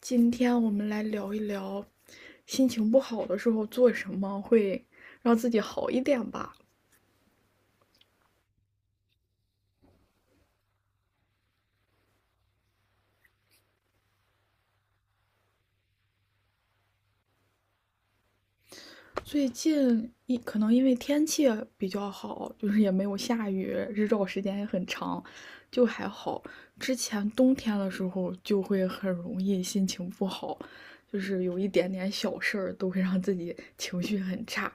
今天我们来聊一聊，心情不好的时候做什么会让自己好一点吧。最近可能因为天气比较好，就是也没有下雨，日照时间也很长，就还好。之前冬天的时候就会很容易心情不好，就是有一点点小事儿都会让自己情绪很差。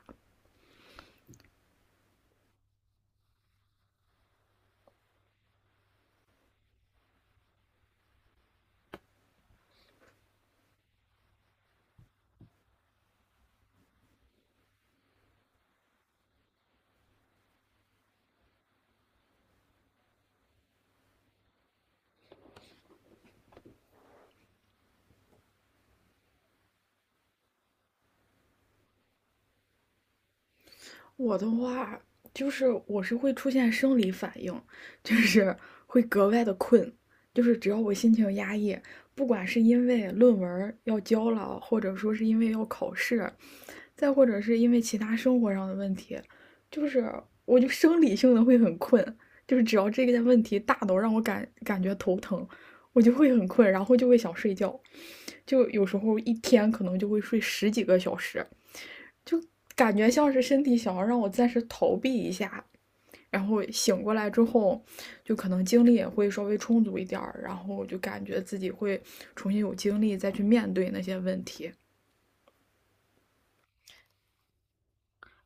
我的话就是我是会出现生理反应，就是会格外的困，就是只要我心情压抑，不管是因为论文要交了，或者说是因为要考试，再或者是因为其他生活上的问题，就是我就生理性的会很困，就是只要这个问题大到让我感觉头疼，我就会很困，然后就会想睡觉，就有时候一天可能就会睡十几个小时。就感觉像是身体想要让我暂时逃避一下，然后醒过来之后，就可能精力也会稍微充足一点儿，然后我就感觉自己会重新有精力再去面对那些问题。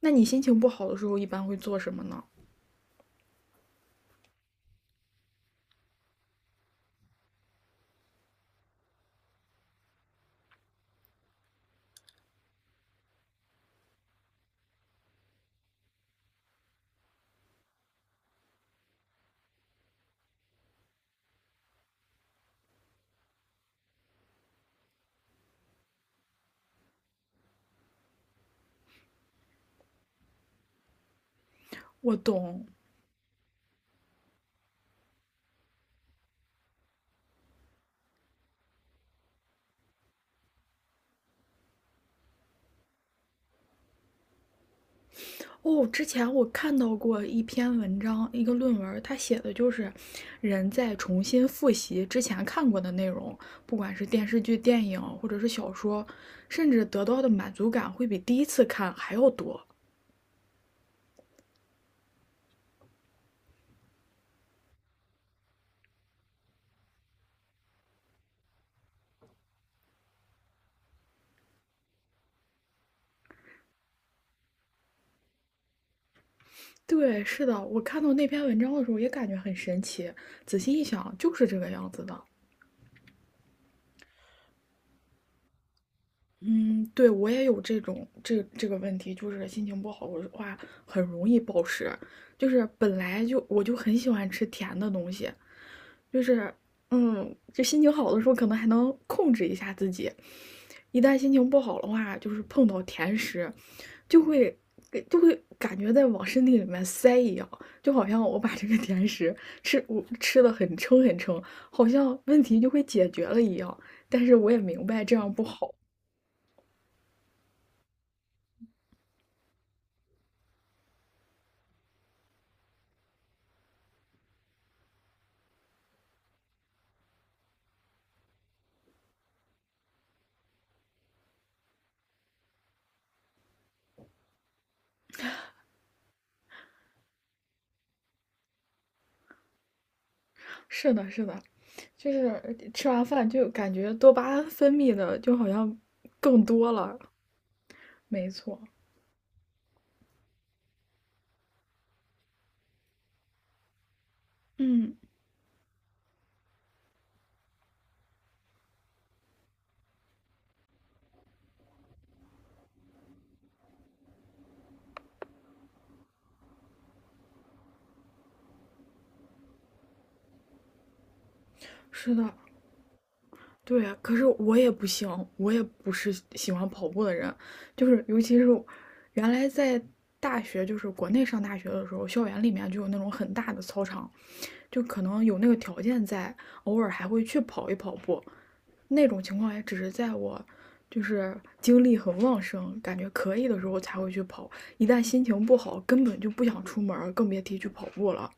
那你心情不好的时候一般会做什么呢？我懂，哦，之前我看到过一篇文章，一个论文，它写的就是人在重新复习之前看过的内容，不管是电视剧、电影或者是小说，甚至得到的满足感会比第一次看还要多。对，是的，我看到那篇文章的时候也感觉很神奇，仔细一想就是这个样子的。嗯，对，我也有这种这这个问题，就是心情不好的话很容易暴食，就是本来就我就很喜欢吃甜的东西。就是，就心情好的时候可能还能控制一下自己，一旦心情不好的话，就是碰到甜食，就会就会感觉在往身体里面塞一样，就好像我把这个甜食吃的很撑很撑，好像问题就会解决了一样。但是我也明白这样不好。是的，是的，就是吃完饭就感觉多巴胺分泌的就好像更多了。没错，嗯，是的，对啊，可是我也不行，我也不是喜欢跑步的人，就是尤其是原来在大学，就是国内上大学的时候，校园里面就有那种很大的操场，就可能有那个条件在，偶尔还会去跑一跑步。那种情况也只是在我就是精力很旺盛，感觉可以的时候才会去跑，一旦心情不好，根本就不想出门，更别提去跑步了。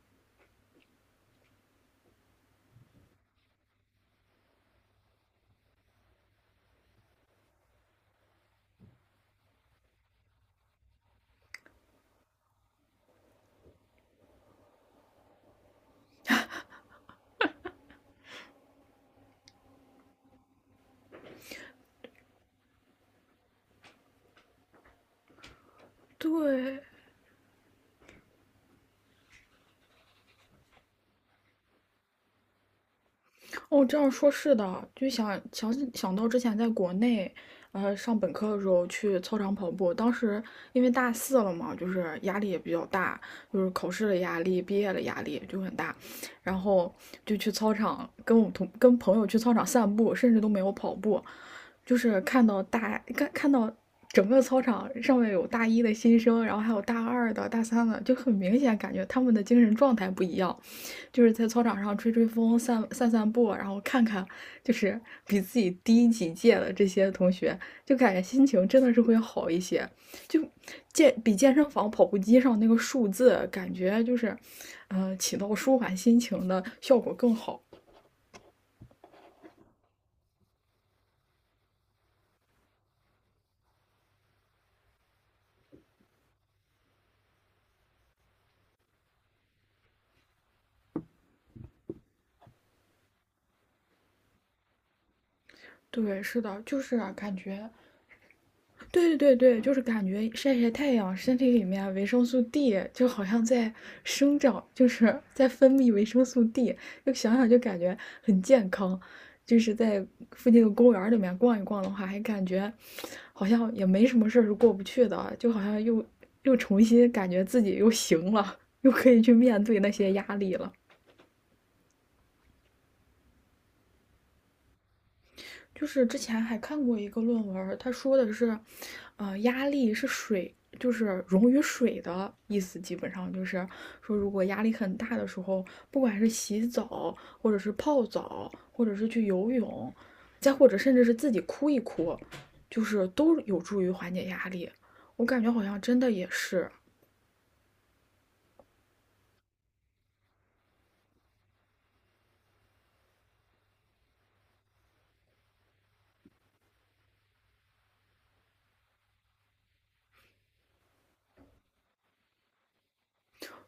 对，哦，这样说是的，就想到之前在国内，上本科的时候去操场跑步，当时因为大四了嘛，就是压力也比较大，就是考试的压力、毕业的压力就很大，然后就去操场跟我同跟朋友去操场散步，甚至都没有跑步，就是看到整个操场上面有大一的新生，然后还有大二的、大三的，就很明显感觉他们的精神状态不一样。就是在操场上吹吹风、散散步，然后看看就是比自己低几届的这些同学，就感觉心情真的是会好一些。就比健身房跑步机上那个数字，感觉就是，起到舒缓心情的效果更好。对，是的，就是感觉对对对对，就是感觉晒晒太阳，身体里面啊维生素 D 就好像在生长，就是在分泌维生素 D，就想想就感觉很健康。就是在附近的公园里面逛一逛的话，还感觉好像也没什么事儿是过不去的，就好像又重新感觉自己又行了，又可以去面对那些压力了。就是之前还看过一个论文他说的是，压力是水，就是溶于水的意思，基本上就是说，如果压力很大的时候，不管是洗澡，或者是泡澡，或者是去游泳，再或者甚至是自己哭一哭，就是都有助于缓解压力。我感觉好像真的也是，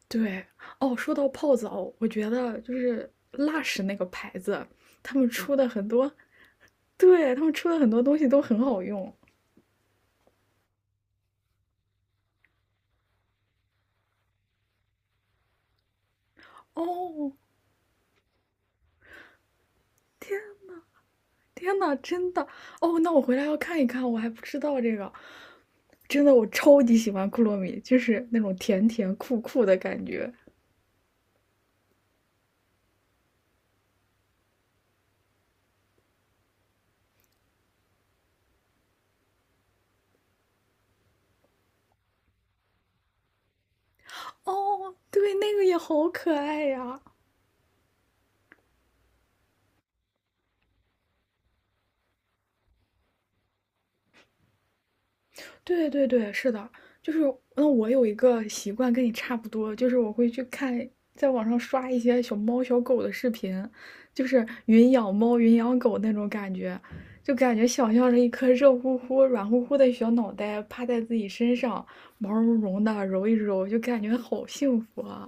对哦。说到泡澡，我觉得就是 Lush 那个牌子，他们出的很多，对他们出的很多东西都很好用。哦，天呐，真的哦，那我回来要看一看，我还不知道这个，真的我超级喜欢库洛米，就是那种甜甜酷酷的感觉。哦，对，那个也好可爱呀。对对对，是的，就是那我有一个习惯跟你差不多，就是我会去看，在网上刷一些小猫小狗的视频，就是云养猫、云养狗那种感觉，就感觉想象着一颗热乎乎、软乎乎的小脑袋趴在自己身上，毛茸茸的揉一揉，就感觉好幸福啊！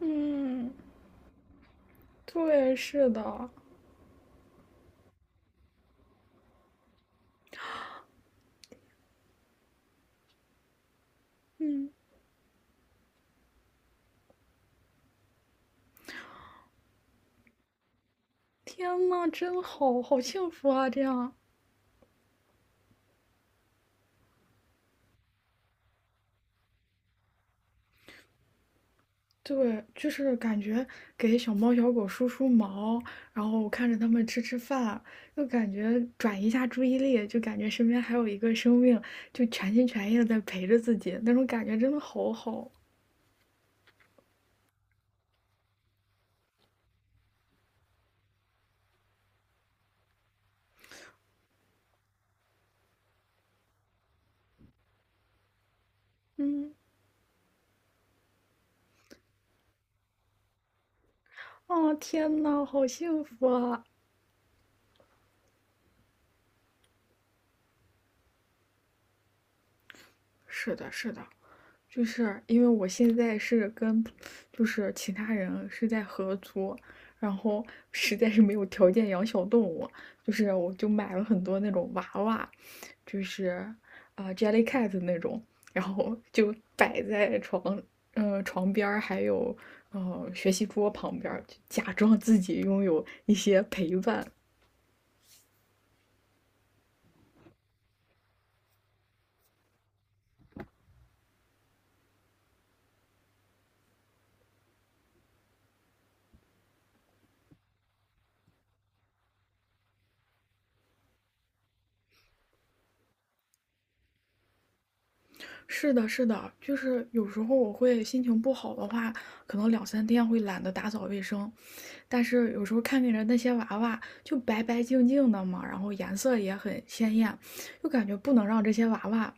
嗯，对，是的，嗯，天呐，真好，好幸福啊！这样，对，就是感觉给小猫小狗梳梳毛，然后看着它们吃吃饭，就感觉转移一下注意力，就感觉身边还有一个生命，就全心全意的在陪着自己，那种感觉真的好好。嗯，哦，天呐，好幸福啊！是的，是的。就是因为我现在是跟就是其他人是在合租，然后实在是没有条件养小动物，就是我就买了很多那种娃娃，就是啊Jellycat 那种，然后就摆在床边还有学习桌旁边就假装自己拥有一些陪伴。是的，是的，就是有时候我会心情不好的话，可能两三天会懒得打扫卫生。但是有时候看见着那些娃娃就白白净净的嘛，然后颜色也很鲜艳，就感觉不能让这些娃娃，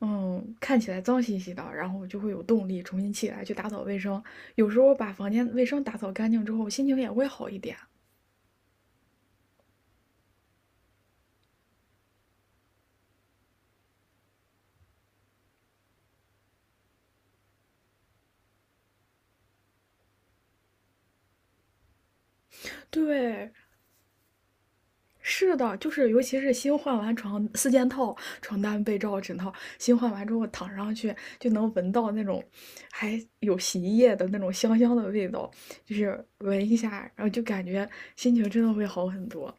看起来脏兮兮的，然后我就会有动力重新起来去打扫卫生。有时候把房间卫生打扫干净之后，心情也会好一点。对，是的，就是尤其是新换完床四件套，床单、被罩、枕套，新换完之后躺上去就能闻到那种还有洗衣液的那种香香的味道，就是闻一下，然后就感觉心情真的会好很多。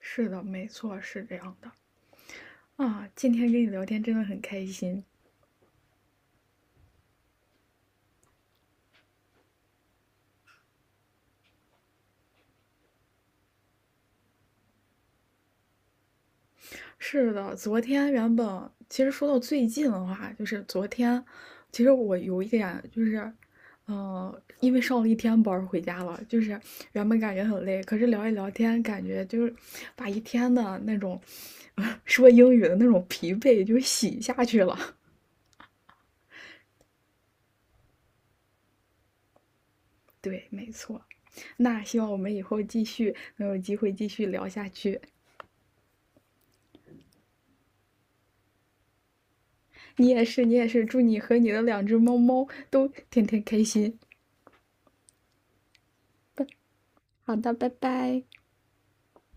是的，没错，是这样的。啊，今天跟你聊天真的很开心。是的，昨天原本其实说到最近的话，就是昨天，其实我有一点就是，嗯，因为上了一天班儿回家了，就是原本感觉很累，可是聊一聊天，感觉就是把一天的那种 说英语的那种疲惫就洗下去了。对，没错。那希望我们以后继续能有机会继续聊下去。你也是，你也是，祝你和你的两只猫猫都天天开心。好的，拜拜。